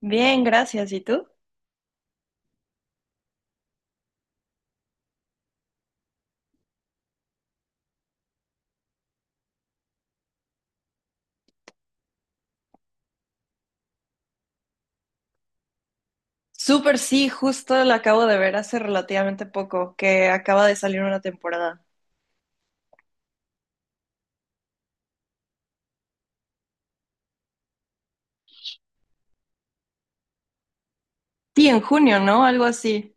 Bien, gracias. ¿Y tú? Súper, sí, justo la acabo de ver hace relativamente poco, que acaba de salir una temporada. Sí, en junio, ¿no? Algo así.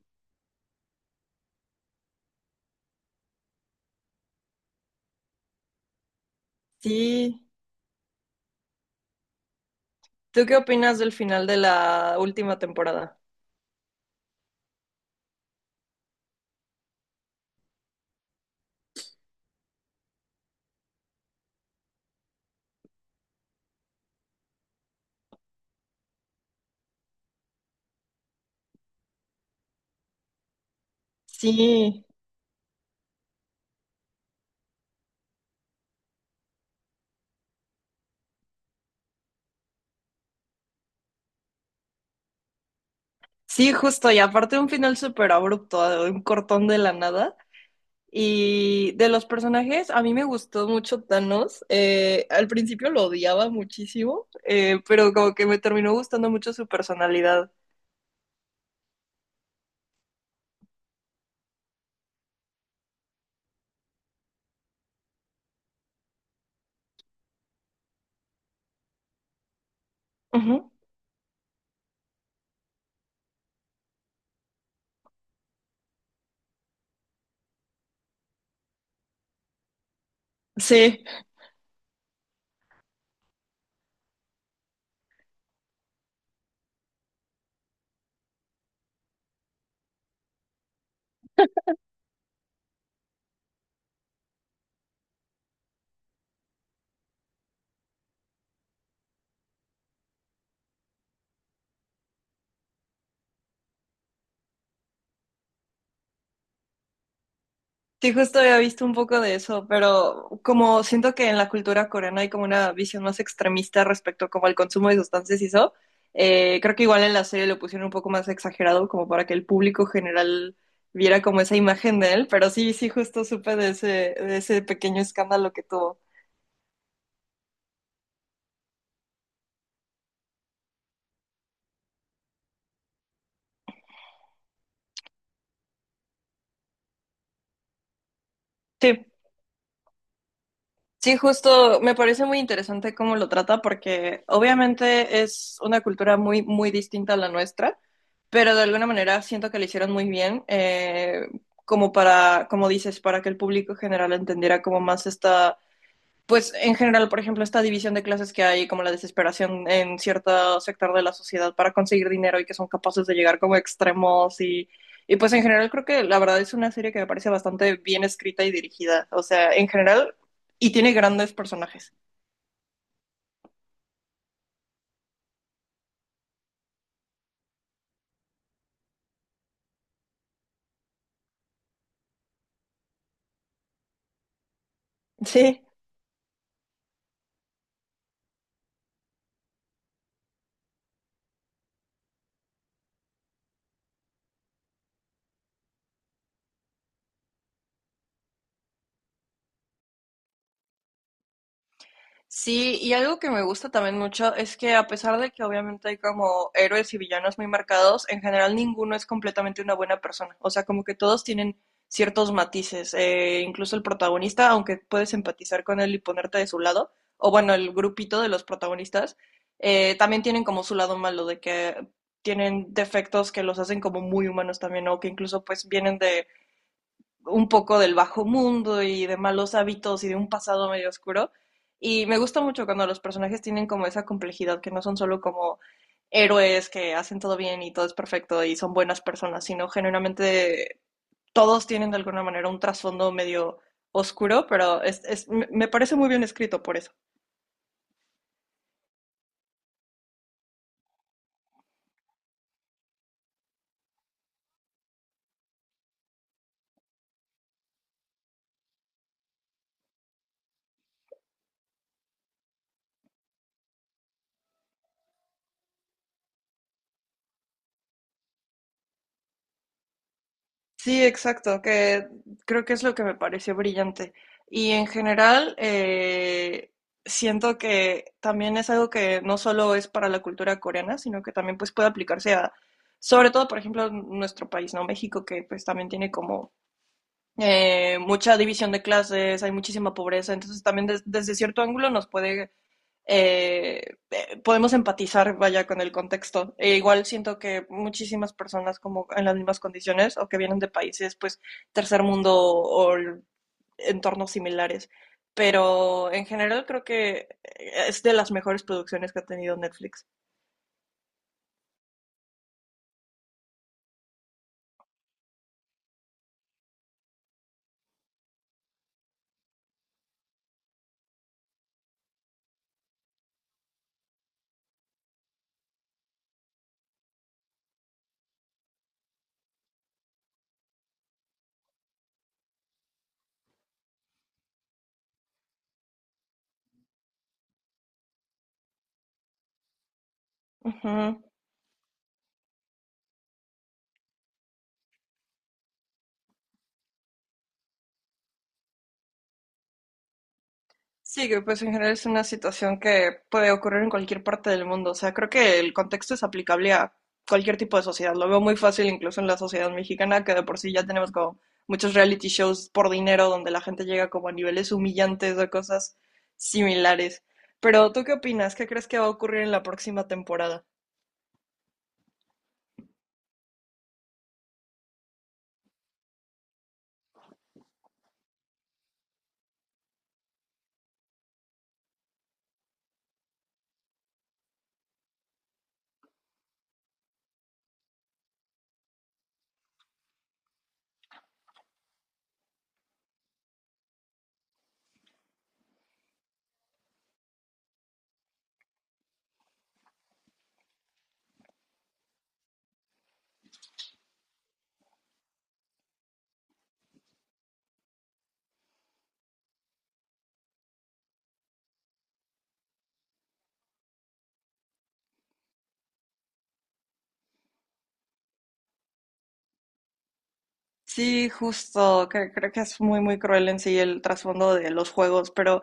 Sí. ¿Tú qué opinas del final de la última temporada? Sí, sí, justo. Y aparte un final súper abrupto, un cortón de la nada. Y de los personajes, a mí me gustó mucho Thanos. Al principio lo odiaba muchísimo, pero como que me terminó gustando mucho su personalidad. Ujú. Sí. Sí, justo había visto un poco de eso, pero como siento que en la cultura coreana hay como una visión más extremista respecto como al consumo de sustancias y eso, creo que igual en la serie lo pusieron un poco más exagerado como para que el público general viera como esa imagen de él, pero sí, sí, justo supe de ese pequeño escándalo que tuvo. Sí, sí, justo me parece muy interesante cómo lo trata porque obviamente es una cultura muy, muy distinta a la nuestra, pero de alguna manera siento que lo hicieron muy bien, como para, como dices, para que el público en general entendiera como más esta, pues en general, por ejemplo, esta división de clases que hay, como la desesperación en cierto sector de la sociedad para conseguir dinero y que son capaces de llegar como extremos y pues en general creo que la verdad es una serie que me parece bastante bien escrita y dirigida, o sea, en general, y tiene grandes personajes. Sí. Sí, y algo que me gusta también mucho es que a pesar de que obviamente hay como héroes y villanos muy marcados, en general ninguno es completamente una buena persona. O sea, como que todos tienen ciertos matices. Incluso el protagonista, aunque puedes empatizar con él y ponerte de su lado, o bueno, el grupito de los protagonistas, también tienen como su lado malo, de que tienen defectos que los hacen como muy humanos también, o que incluso pues vienen de un poco del bajo mundo y de malos hábitos y de un pasado medio oscuro. Y me gusta mucho cuando los personajes tienen como esa complejidad, que no son solo como héroes que hacen todo bien y todo es perfecto y son buenas personas, sino genuinamente todos tienen de alguna manera un trasfondo medio oscuro, pero me parece muy bien escrito por eso. Sí, exacto, que creo que es lo que me pareció brillante. Y en general, siento que también es algo que no solo es para la cultura coreana, sino que también pues puede aplicarse a, sobre todo, por ejemplo, nuestro país, ¿no? México, que pues también tiene como mucha división de clases, hay muchísima pobreza, entonces también desde cierto ángulo nos puede eh, podemos empatizar, vaya, con el contexto. E igual siento que muchísimas personas como en las mismas condiciones o que vienen de países, pues, tercer mundo o entornos similares. Pero en general creo que es de las mejores producciones que ha tenido Netflix. Ujú. Sí, que pues en general es una situación que puede ocurrir en cualquier parte del mundo. O sea, creo que el contexto es aplicable a cualquier tipo de sociedad. Lo veo muy fácil incluso en la sociedad mexicana, que de por sí ya tenemos como muchos reality shows por dinero donde la gente llega como a niveles humillantes o cosas similares. Pero ¿tú qué opinas? ¿Qué crees que va a ocurrir en la próxima temporada? Sí, justo, que creo que es muy, muy cruel en sí el trasfondo de los juegos, pero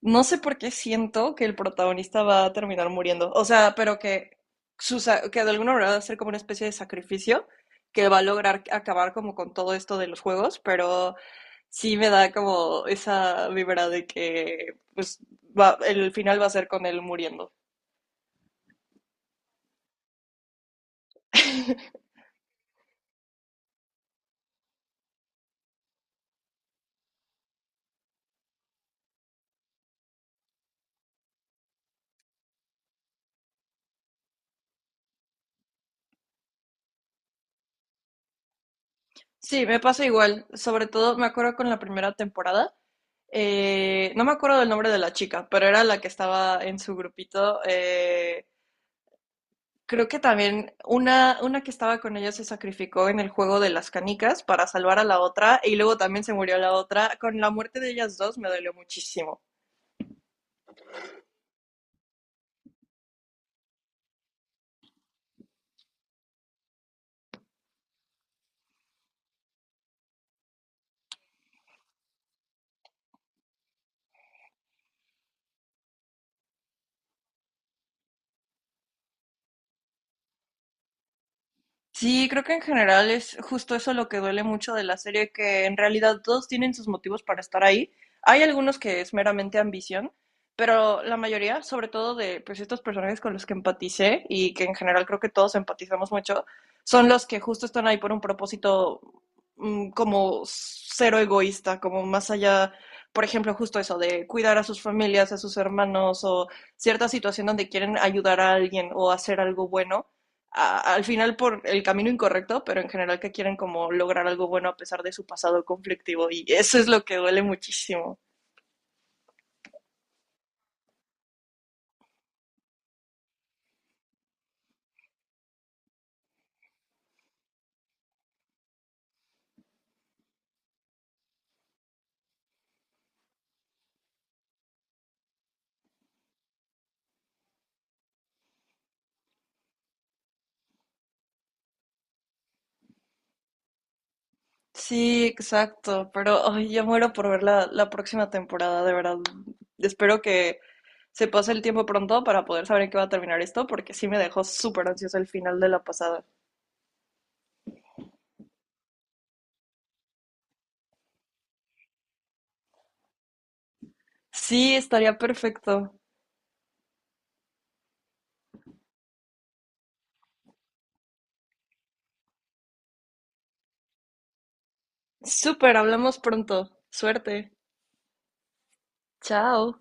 no sé por qué siento que el protagonista va a terminar muriendo. O sea, pero que, que de alguna manera va a ser como una especie de sacrificio que va a lograr acabar como con todo esto de los juegos, pero sí me da como esa vibra de que pues va, el final va a ser con él muriendo. Sí, me pasa igual. Sobre todo me acuerdo con la primera temporada. No me acuerdo del nombre de la chica, pero era la que estaba en su grupito. Creo que también una que estaba con ella se sacrificó en el juego de las canicas para salvar a la otra y luego también se murió la otra. Con la muerte de ellas dos me dolió muchísimo. Sí, creo que en general es justo eso lo que duele mucho de la serie, que en realidad todos tienen sus motivos para estar ahí. Hay algunos que es meramente ambición, pero la mayoría, sobre todo de pues, estos personajes con los que empaticé y que en general creo que todos empatizamos mucho, son los que justo están ahí por un propósito como cero egoísta, como más allá, por ejemplo, justo eso de cuidar a sus familias, a sus hermanos o cierta situación donde quieren ayudar a alguien o hacer algo bueno al final por el camino incorrecto, pero en general que quieren como lograr algo bueno a pesar de su pasado conflictivo y eso es lo que duele muchísimo. Sí, exacto, pero ay, yo muero por ver la próxima temporada, de verdad. Espero que se pase el tiempo pronto para poder saber en qué va a terminar esto, porque sí me dejó súper ansiosa el final de la pasada. Sí, estaría perfecto. Súper, hablamos pronto. Suerte. Chao.